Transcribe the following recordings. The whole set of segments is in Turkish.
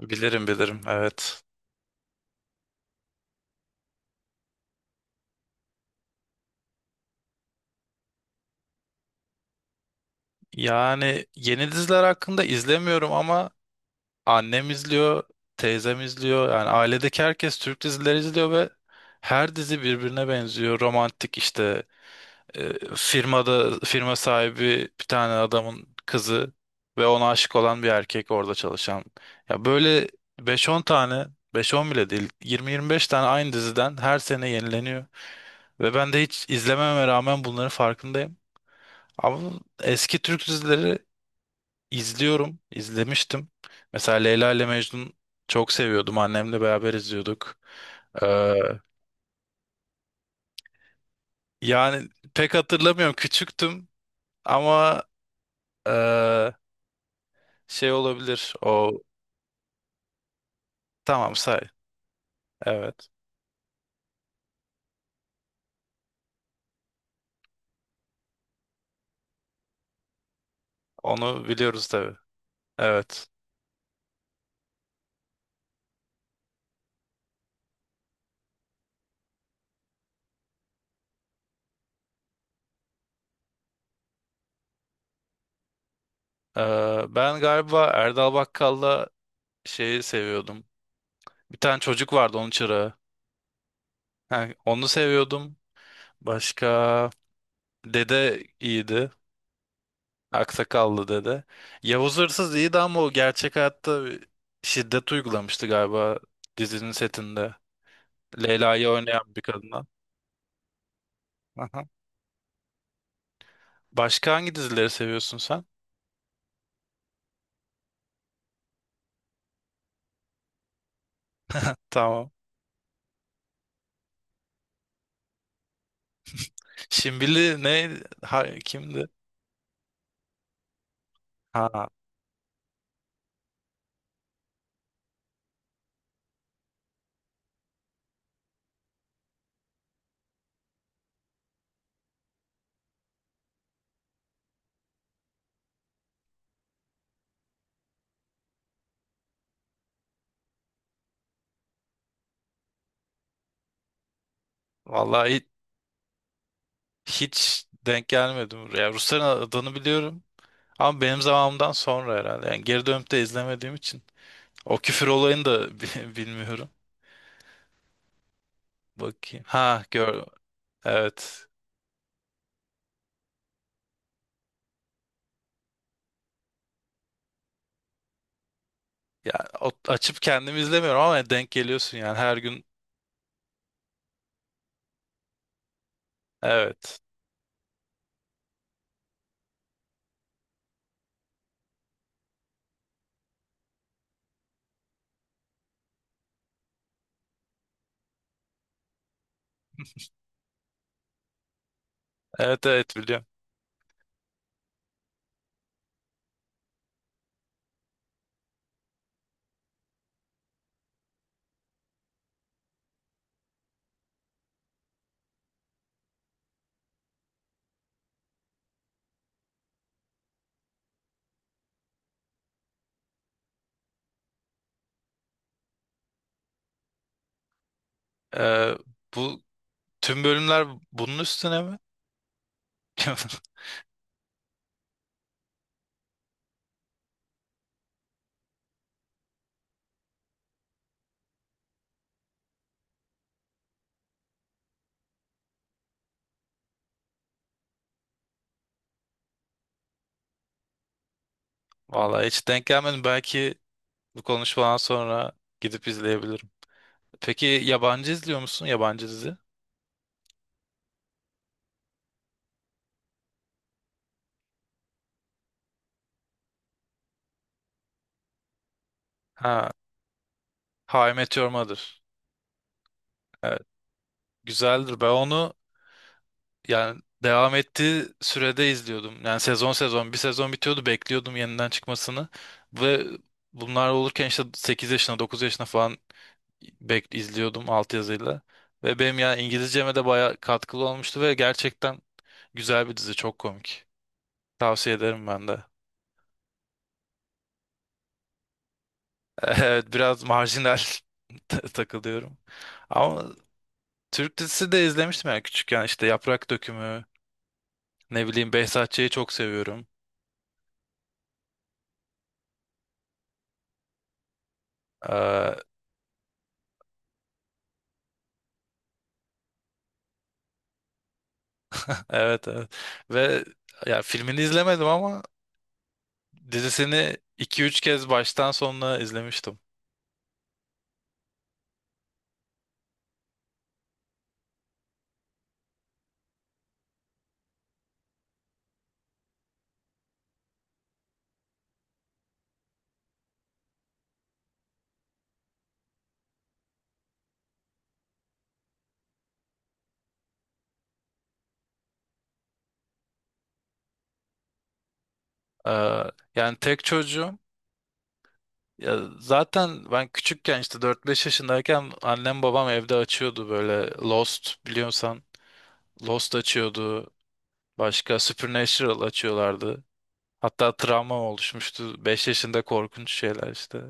Bilirim bilirim evet. Yani yeni diziler hakkında izlemiyorum ama annem izliyor, teyzem izliyor. Yani ailedeki herkes Türk dizileri izliyor ve her dizi birbirine benziyor. Romantik işte, firmada firma sahibi bir tane adamın kızı ve ona aşık olan bir erkek orada çalışan. Ya böyle beş on tane, beş on bile değil, yirmi yirmi beş tane aynı diziden her sene yenileniyor. Ve ben de hiç izlememe rağmen bunların farkındayım. Ama eski Türk dizileri izliyorum, izlemiştim. Mesela Leyla ile Mecnun çok seviyordum. Annemle beraber izliyorduk. Ee, yani pek hatırlamıyorum. Küçüktüm ama ee, şey olabilir. O, tamam say. Evet. Onu biliyoruz tabii. Evet. Ben galiba Erdal Bakkal'la şeyi seviyordum. Bir tane çocuk vardı, onun çırağı. Ha, onu seviyordum. Başka... Dede iyiydi. Aksakallı dede. Yavuz Hırsız iyiydi ama o gerçek hayatta bir şiddet uygulamıştı galiba, dizinin setinde. Leyla'yı oynayan bir kadına. Aha. Başka hangi dizileri seviyorsun sen? Tamam. Şimbili ne? Ha, kimdi? Ha, vallahi hiç, hiç denk gelmedim buraya. Rusların adını biliyorum. Ama benim zamanımdan sonra herhalde. Yani geri dönüp de izlemediğim için. O küfür olayını da bilmiyorum. Bakayım. Ha gör. Evet. Ya, açıp kendim izlemiyorum ama denk geliyorsun yani her gün. Evet. Evet evet biliyorum. Ee, bu tüm bölümler bunun üstüne mi? Vallahi hiç denk gelmedim. Belki bu konuşmadan sonra gidip izleyebilirim. Peki yabancı izliyor musun? Yabancı dizi? Ha, How I Met Your Mother. Evet, güzeldir. Ben onu, yani devam ettiği sürede izliyordum. Yani sezon sezon, bir sezon bitiyordu, bekliyordum yeniden çıkmasını, ve bunlar olurken işte 8 yaşına 9 yaşına falan bek izliyordum altyazıyla. Ve benim ya İngilizceme de bayağı katkılı olmuştu ve gerçekten güzel bir dizi, çok komik. Tavsiye ederim ben de. Evet, biraz marjinal takılıyorum. Ama Türk dizisi de izlemiştim yani küçükken, işte Yaprak Dökümü, ne bileyim, Behzat Ç'yi çok seviyorum. Evet evet. Ve ya, filmini izlemedim ama dizisini 2-3 kez baştan sonuna izlemiştim. Ee, yani tek çocuğum. Ya zaten ben küçükken, işte 4-5 yaşındayken annem babam evde açıyordu böyle Lost, biliyorsan. Lost açıyordu. Başka Supernatural açıyorlardı. Hatta travma oluşmuştu, 5 yaşında korkunç şeyler işte.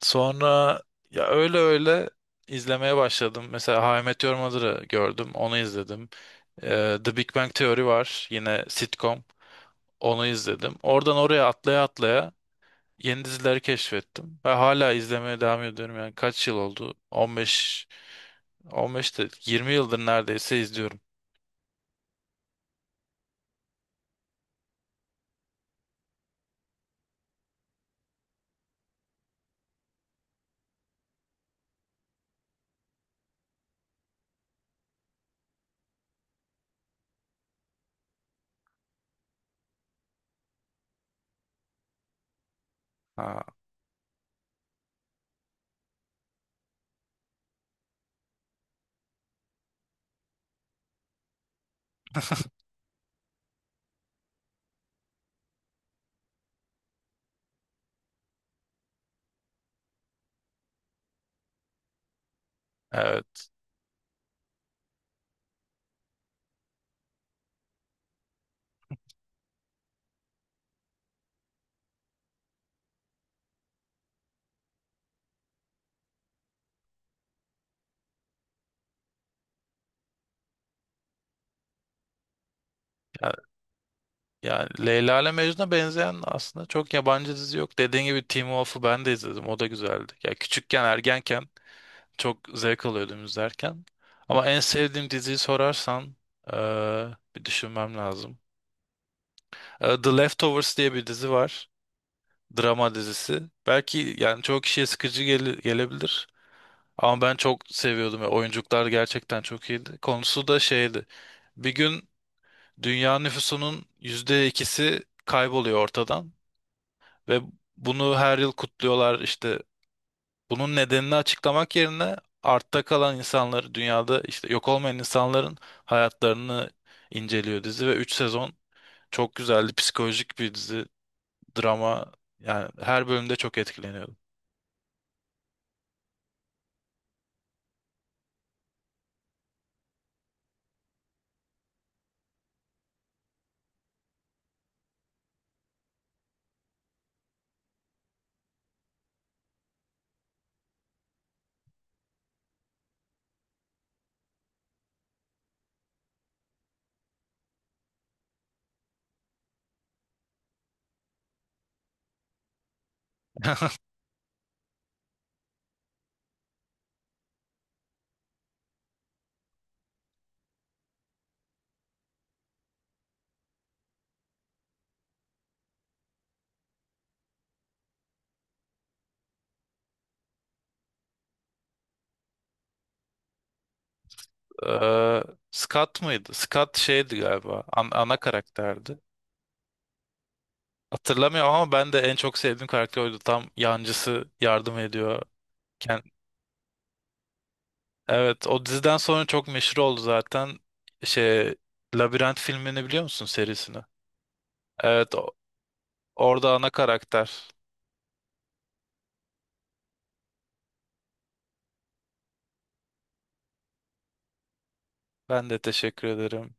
Sonra ya, öyle öyle izlemeye başladım. Mesela How I Met Your Mother'ı gördüm. Onu izledim. The Big Bang Theory var. Yine sitcom. Onu izledim. Oradan oraya atlaya atlaya yeni dizileri keşfettim. Ve hala izlemeye devam ediyorum. Yani kaç yıl oldu? 15, 15 de 20 yıldır neredeyse izliyorum. Ha. Evet. Ya- Yani, Leyla ile Mecnun'a benzeyen aslında çok yabancı dizi yok. Dediğin gibi Teen Wolf'u ben de izledim. O da güzeldi. Ya küçükken, ergenken çok zevk alıyordum izlerken. Ama en sevdiğim diziyi sorarsan eee, bir düşünmem lazım. E, The Leftovers diye bir dizi var. Drama dizisi. Belki yani çoğu kişiye sıkıcı gelebilir. Ama ben çok seviyordum ya. Oyunculuklar gerçekten çok iyiydi. Konusu da şeydi. Bir gün dünya nüfusunun %2'si kayboluyor ortadan. Ve bunu her yıl kutluyorlar. İşte bunun nedenini açıklamak yerine, artta kalan insanları, dünyada işte yok olmayan insanların hayatlarını inceliyor dizi, ve 3 sezon çok güzeldi. Psikolojik bir dizi. Drama, yani her bölümde çok etkileniyordum. Ee, Scott mıydı? Scott şeydi galiba. Ana karakterdi. Hatırlamıyorum ama ben de en çok sevdiğim karakter oydu. Tam yancısı yardım ediyor. Ken- evet, o diziden sonra çok meşhur oldu zaten. Şey, Labirent filmini biliyor musun, serisini? Evet, orada ana karakter. Ben de teşekkür ederim.